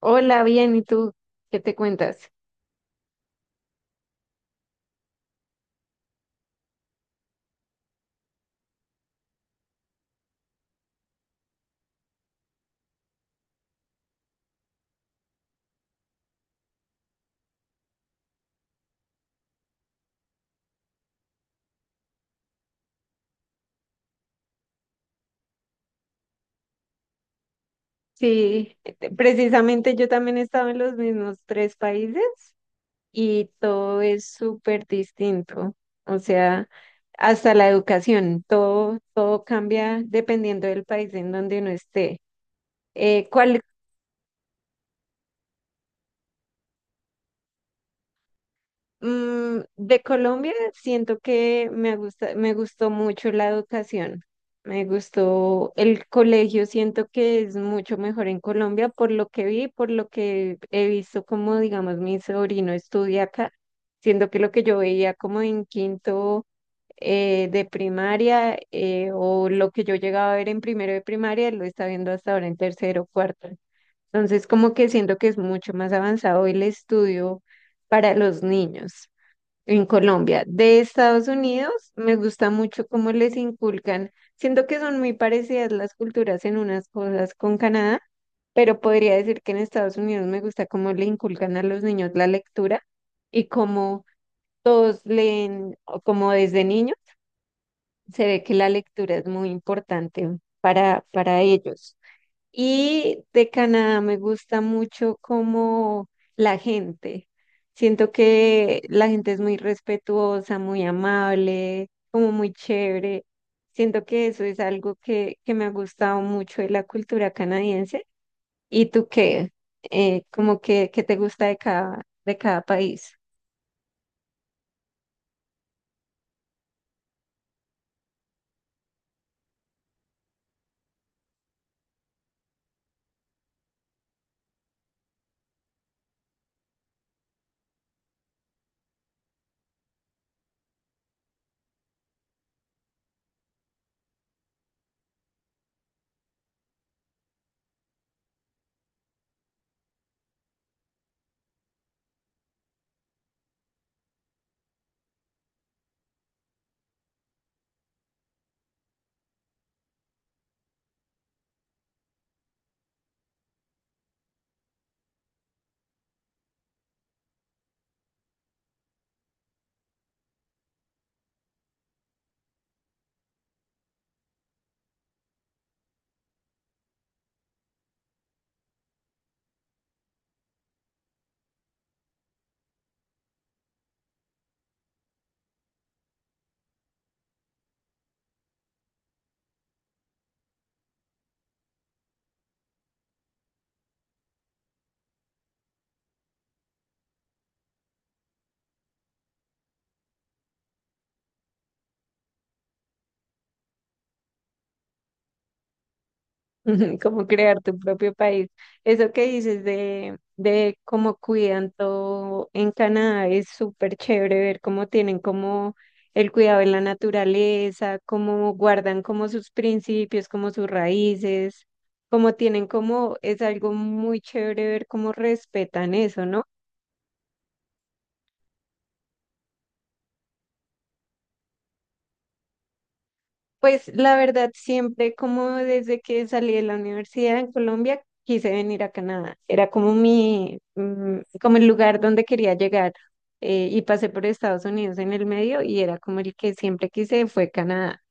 Hola, bien, ¿y tú qué te cuentas? Sí, precisamente yo también he estado en los mismos tres países y todo es súper distinto. O sea, hasta la educación, todo cambia dependiendo del país en donde uno esté. Eh, ¿cuál, Mm, de Colombia siento que me gustó mucho la educación. Me gustó el colegio, siento que es mucho mejor en Colombia por lo que vi, por lo que he visto, como, digamos, mi sobrino estudia acá. Siento que lo que yo veía como en quinto de primaria, o lo que yo llegaba a ver en primero de primaria, lo está viendo hasta ahora en tercero, cuarto. Entonces, como que siento que es mucho más avanzado el estudio para los niños en Colombia. De Estados Unidos, me gusta mucho cómo les inculcan. Siento que son muy parecidas las culturas en unas cosas con Canadá, pero podría decir que en Estados Unidos me gusta cómo le inculcan a los niños la lectura y cómo todos leen, o como desde niños, se ve que la lectura es muy importante para ellos. Y de Canadá me gusta mucho como la gente. Siento que la gente es muy respetuosa, muy amable, como muy chévere. Siento que eso es algo que me ha gustado mucho de la cultura canadiense. ¿Y tú qué? ¿Qué te gusta de cada país? Ujú. Como crear tu propio país. Eso que dices de cómo cuidan todo en Canadá es súper chévere, ver cómo tienen como el cuidado de la naturaleza, cómo guardan como sus principios, como sus raíces, cómo tienen como, es algo muy chévere ver cómo respetan eso, ¿no? Pues la verdad, siempre, como desde que salí de la universidad en Colombia, quise venir a Canadá. Era como mi, como el lugar donde quería llegar. Y pasé por Estados Unidos en el medio y era como el que siempre quise, fue Canadá.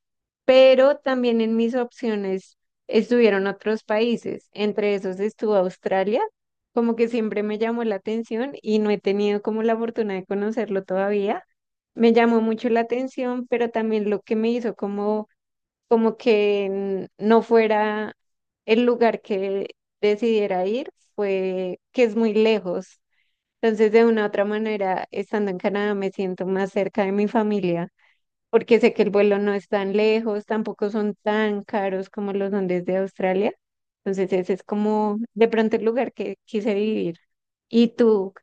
Pero también en mis opciones estuvieron otros países. Entre esos estuvo Australia, como que siempre me llamó la atención y no he tenido como la fortuna de conocerlo todavía. Me llamó mucho la atención, pero también lo que me hizo como no fuera el lugar que decidiera ir, fue que es muy lejos. Entonces, de una u otra manera, estando en Canadá, me siento más cerca de mi familia, porque sé que el vuelo no es tan lejos, tampoco son tan caros como los son desde Australia. Entonces, ese es como de pronto el lugar que quise vivir. Y tú,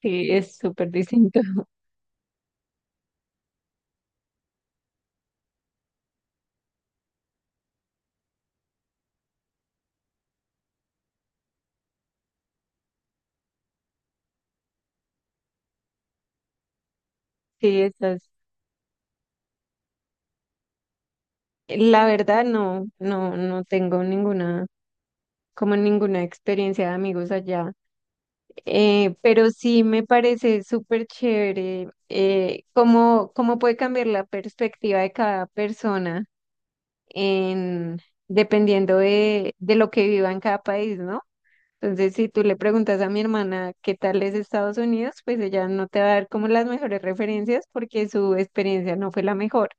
que es súper distinto. Sí, estás. La verdad, no tengo ninguna, como ninguna experiencia de amigos allá. Pero sí me parece súper chévere, cómo puede cambiar la perspectiva de cada persona en, dependiendo de lo que viva en cada país, ¿no? Entonces, si tú le preguntas a mi hermana qué tal es Estados Unidos, pues ella no te va a dar como las mejores referencias porque su experiencia no fue la mejor.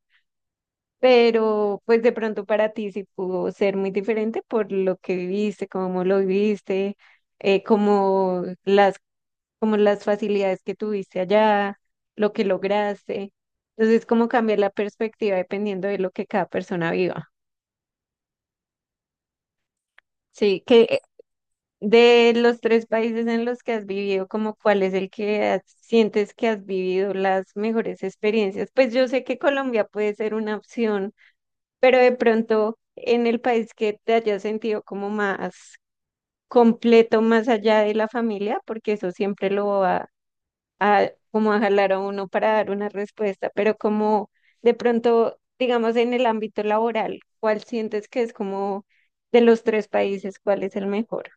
Pero pues de pronto para ti sí pudo ser muy diferente por lo que viviste, cómo lo viviste, eh, como las como las facilidades que tuviste allá, lo que lograste. Entonces, como cambiar la perspectiva dependiendo de lo que cada persona viva. Sí, que de los tres países en los que has vivido, como cuál es el que sientes que has vivido las mejores experiencias. Pues yo sé que Colombia puede ser una opción, pero de pronto en el país que te hayas sentido como más completo, más allá de la familia, porque eso siempre lo va a como a jalar a uno para dar una respuesta, pero como de pronto, digamos, en el ámbito laboral, ¿cuál sientes que es como de los tres países, cuál es el mejor?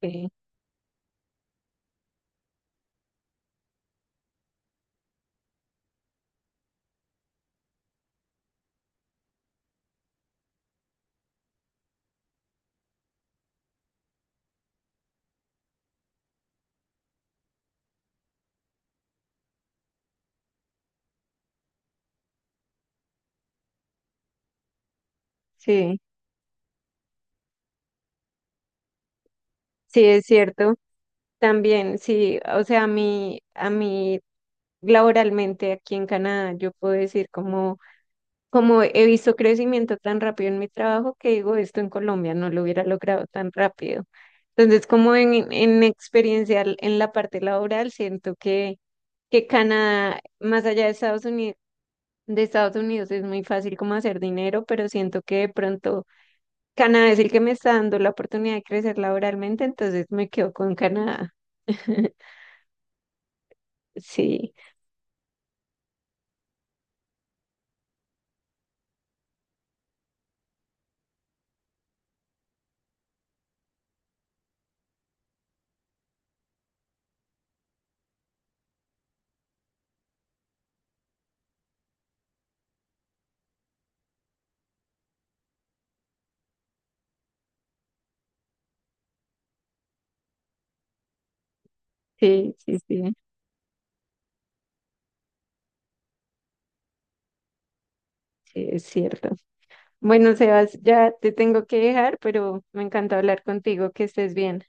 Sí, sí, sí, es cierto. También, sí, o sea, a mí laboralmente aquí en Canadá, yo puedo decir como... como he visto crecimiento tan rápido en mi trabajo que digo, esto en Colombia no lo hubiera logrado tan rápido. Entonces, como en experiencia en la parte laboral, que Canadá, más allá de Estados Unidos es muy fácil como hacer dinero, pero siento que de pronto Canadá es el que me está dando la oportunidad de crecer laboralmente, entonces me quedo con Canadá. Sí, sí, sí, sí, sí, es cierto. Bueno, Sebas, ya te tengo que dejar, pero me encanta hablar contigo, que estés bien.